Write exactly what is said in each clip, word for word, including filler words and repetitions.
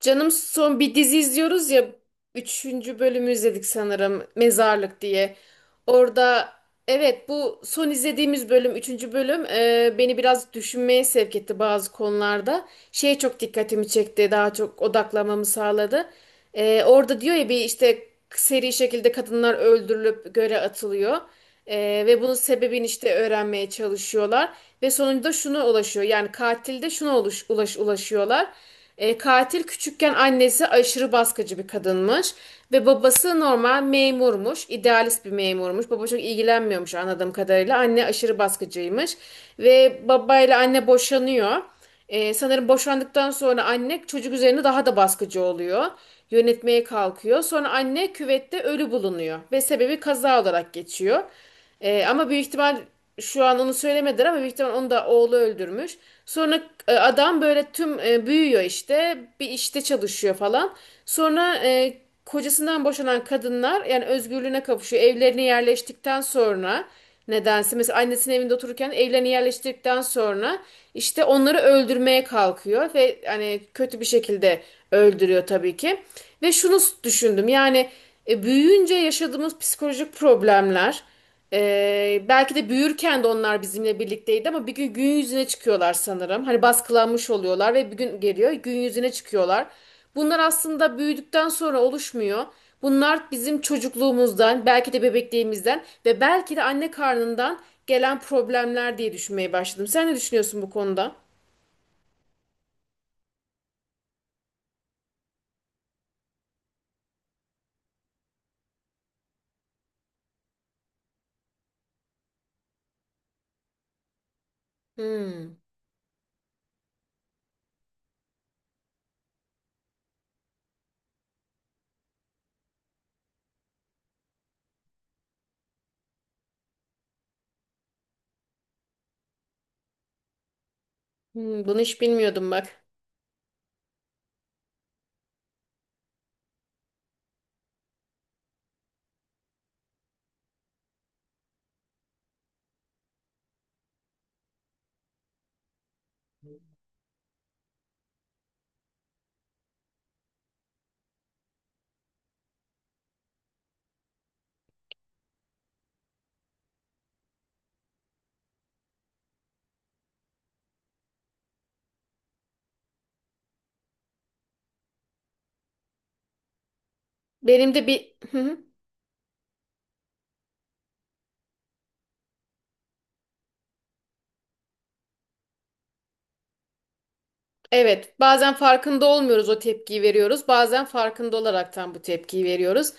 Canım son bir dizi izliyoruz ya. Üçüncü bölümü izledik sanırım. Mezarlık diye. Orada evet, bu son izlediğimiz bölüm, üçüncü bölüm, e, beni biraz düşünmeye sevk etti bazı konularda. Şeye çok dikkatimi çekti. Daha çok odaklamamı sağladı. E, orada diyor ya bir işte seri şekilde kadınlar öldürülüp göle atılıyor. Ee, ve bunun sebebini işte öğrenmeye çalışıyorlar. Ve sonunda şuna ulaşıyor. Yani katilde şuna oluş, ulaş, ulaşıyorlar. Ee, katil küçükken annesi aşırı baskıcı bir kadınmış. Ve babası normal memurmuş. İdealist bir memurmuş. Baba çok ilgilenmiyormuş anladığım kadarıyla. Anne aşırı baskıcıymış. Ve babayla anne boşanıyor. Ee, sanırım boşandıktan sonra anne çocuk üzerine daha da baskıcı oluyor. Yönetmeye kalkıyor. Sonra anne küvette ölü bulunuyor. Ve sebebi kaza olarak geçiyor. Ee, ama büyük ihtimal şu an onu söylemediler, ama büyük ihtimal onu da oğlu öldürmüş. Sonra e, adam böyle tüm e, büyüyor, işte bir işte çalışıyor falan. Sonra e, kocasından boşanan kadınlar yani özgürlüğüne kavuşuyor. Evlerine yerleştikten sonra nedense mesela annesinin evinde otururken evlerine yerleştirdikten sonra işte onları öldürmeye kalkıyor ve hani kötü bir şekilde öldürüyor tabii ki. Ve şunu düşündüm, yani e, büyüyünce yaşadığımız psikolojik problemler ee, belki de büyürken de onlar bizimle birlikteydi, ama bir gün gün yüzüne çıkıyorlar sanırım. Hani baskılanmış oluyorlar ve bir gün geliyor gün yüzüne çıkıyorlar. Bunlar aslında büyüdükten sonra oluşmuyor. Bunlar bizim çocukluğumuzdan, belki de bebekliğimizden ve belki de anne karnından gelen problemler diye düşünmeye başladım. Sen ne düşünüyorsun bu konuda? Hmm, hmm, bunu hiç bilmiyordum bak. Benim de bir... Evet, bazen farkında olmuyoruz o tepkiyi veriyoruz. Bazen farkında olaraktan bu tepkiyi veriyoruz.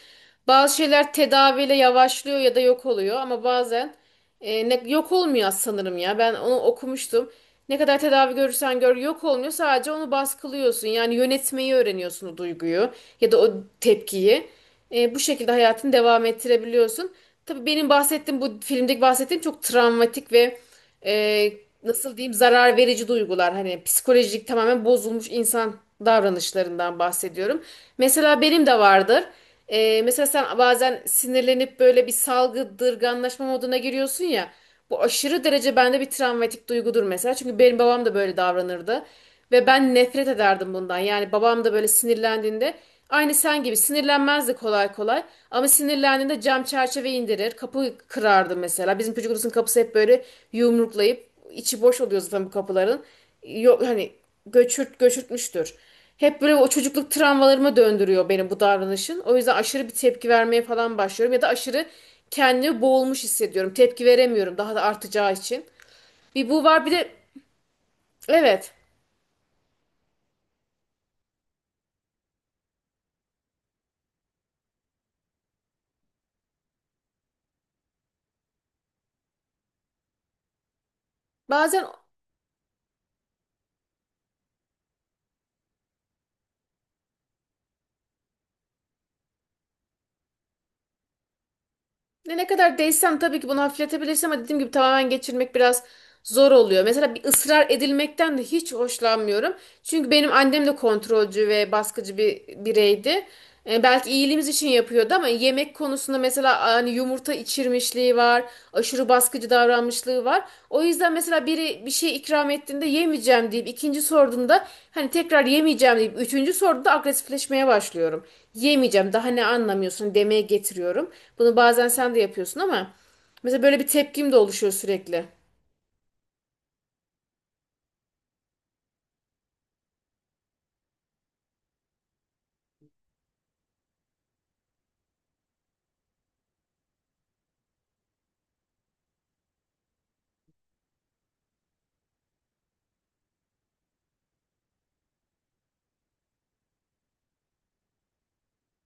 Bazı şeyler tedaviyle yavaşlıyor ya da yok oluyor, ama bazen e, ne, yok olmuyor sanırım ya. Ben onu okumuştum. Ne kadar tedavi görürsen gör yok olmuyor. Sadece onu baskılıyorsun. Yani yönetmeyi öğreniyorsun o duyguyu ya da o tepkiyi. E, bu şekilde hayatını devam ettirebiliyorsun. Tabii benim bahsettiğim bu filmdeki bahsettiğim çok travmatik ve e, nasıl diyeyim zarar verici duygular, hani psikolojik tamamen bozulmuş insan davranışlarından bahsediyorum. Mesela benim de vardır. Ee, mesela sen bazen sinirlenip böyle bir salgıdırganlaşma moduna giriyorsun ya. Bu aşırı derece bende bir travmatik duygudur mesela. Çünkü benim babam da böyle davranırdı. Ve ben nefret ederdim bundan. Yani babam da böyle sinirlendiğinde aynı sen gibi sinirlenmezdi kolay kolay. Ama sinirlendiğinde cam çerçeve indirir, kapı kırardı mesela. Bizim çocuk odasının kapısı hep böyle yumruklayıp içi boş oluyor zaten bu kapıların. Yok hani göçürt göçürtmüştür. Hep böyle o çocukluk travmalarıma döndürüyor beni bu davranışın. O yüzden aşırı bir tepki vermeye falan başlıyorum ya da aşırı kendimi boğulmuş hissediyorum. Tepki veremiyorum daha da artacağı için. Bir bu var bir de evet. Bazen ne ne kadar değsem tabii ki bunu hafifletebilirsin, ama dediğim gibi tamamen geçirmek biraz zor oluyor. Mesela bir ısrar edilmekten de hiç hoşlanmıyorum. Çünkü benim annem de kontrolcü ve baskıcı bir bireydi. E, belki iyiliğimiz için yapıyordu, ama yemek konusunda mesela hani yumurta içir pişirmişliği var, aşırı baskıcı davranmışlığı var. O yüzden mesela biri bir şey ikram ettiğinde yemeyeceğim deyip ikinci sorduğunda hani tekrar yemeyeceğim deyip üçüncü sorduğunda agresifleşmeye başlıyorum. Yemeyeceğim, daha ne anlamıyorsun demeye getiriyorum. Bunu bazen sen de yapıyorsun, ama mesela böyle bir tepkim de oluşuyor sürekli.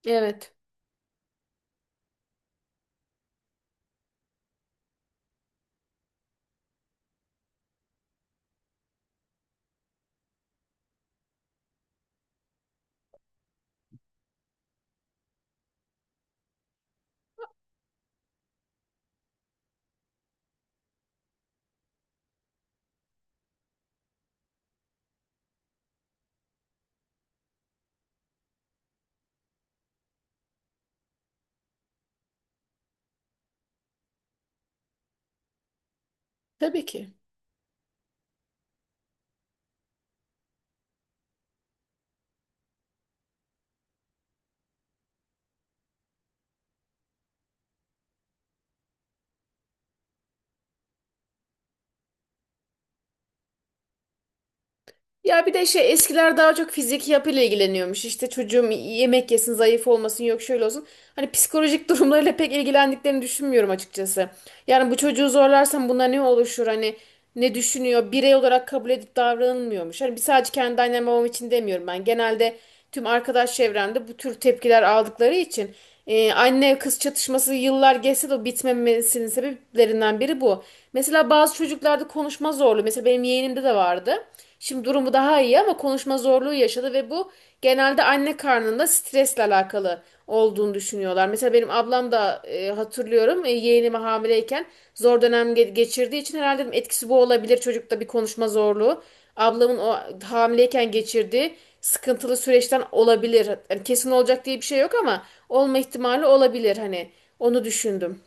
Evet. Tabii ki. Ya bir de şey, eskiler daha çok fiziki yapıyla ilgileniyormuş. İşte çocuğum yemek yesin, zayıf olmasın, yok şöyle olsun. Hani psikolojik durumlarıyla pek ilgilendiklerini düşünmüyorum açıkçası. Yani bu çocuğu zorlarsam buna ne oluşur? Hani ne düşünüyor? Birey olarak kabul edip davranılmıyormuş. Hani bir sadece kendi annem babam için demiyorum ben. Genelde tüm arkadaş çevremde bu tür tepkiler aldıkları için e, anne kız çatışması yıllar geçse de bitmemesinin sebeplerinden biri bu. Mesela bazı çocuklarda konuşma zorluğu, mesela benim yeğenimde de vardı. Şimdi durumu daha iyi, ama konuşma zorluğu yaşadı ve bu genelde anne karnında stresle alakalı olduğunu düşünüyorlar. Mesela benim ablam da e, hatırlıyorum e, yeğenimi hamileyken zor dönem ge- geçirdiği için herhalde dedim etkisi bu olabilir çocukta bir konuşma zorluğu. Ablamın o hamileyken geçirdiği sıkıntılı süreçten olabilir. Yani kesin olacak diye bir şey yok, ama olma ihtimali olabilir hani. Onu düşündüm.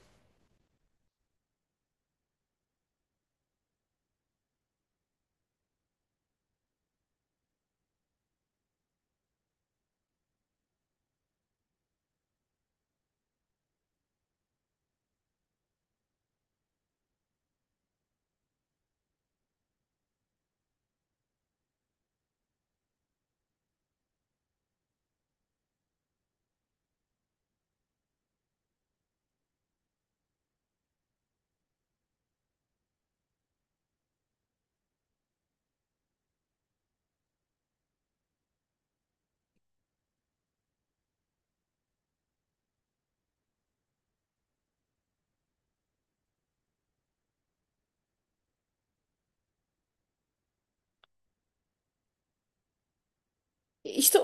İşte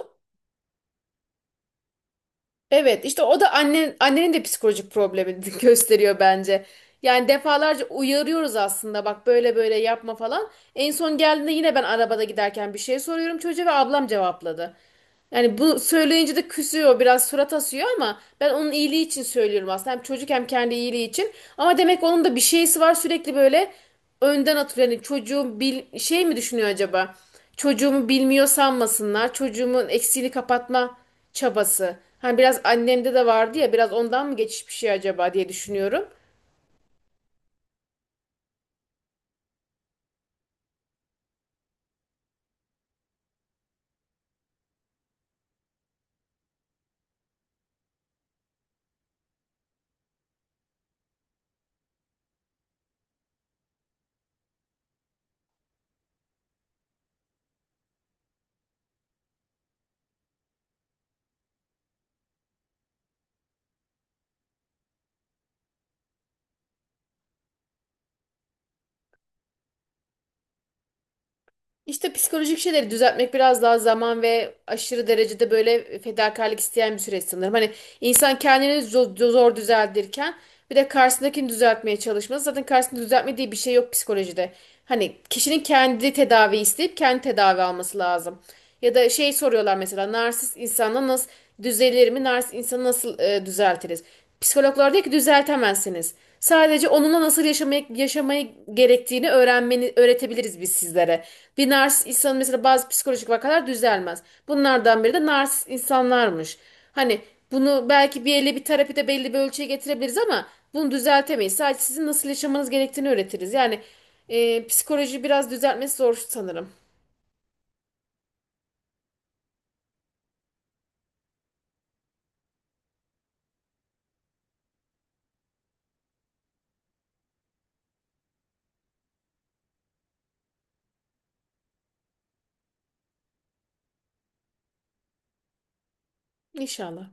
evet, işte o da annen, annenin de psikolojik problemi gösteriyor bence. Yani defalarca uyarıyoruz aslında bak, böyle böyle yapma falan. En son geldiğinde yine ben arabada giderken bir şey soruyorum çocuğa ve ablam cevapladı. Yani bu söyleyince de küsüyor, biraz surat asıyor, ama ben onun iyiliği için söylüyorum aslında. Hem çocuk hem kendi iyiliği için. Ama demek onun da bir şeysi var, sürekli böyle önden atıyor. Yani çocuğum bil şey mi düşünüyor acaba? Çocuğumu bilmiyor sanmasınlar. Çocuğumun eksiğini kapatma çabası. Hani biraz annemde de vardı ya, biraz ondan mı geçiş bir şey acaba diye düşünüyorum. İşte psikolojik şeyleri düzeltmek biraz daha zaman ve aşırı derecede böyle fedakarlık isteyen bir süreç sanırım. Hani insan kendini zor, zor düzeltirken bir de karşısındakini düzeltmeye çalışması. Zaten karşısında düzeltmediği bir şey yok psikolojide. Hani kişinin kendi tedavi isteyip kendi tedavi alması lazım. Ya da şey soruyorlar mesela narsist insanla nasıl düzelir mi? Narsist insanı nasıl e, düzeltiriz? Psikologlar diyor ki düzeltemezsiniz. Sadece onunla nasıl yaşamayı, yaşamayı gerektiğini öğrenmeni öğretebiliriz biz sizlere. Bir narsist insanın mesela bazı psikolojik vakalar düzelmez. Bunlardan biri de narsist insanlarmış. Hani bunu belki bir elle bir terapide belli bir ölçüye getirebiliriz, ama bunu düzeltemeyiz. Sadece sizin nasıl yaşamanız gerektiğini öğretiriz. Yani e, psikoloji biraz düzeltmesi zor sanırım. İnşallah.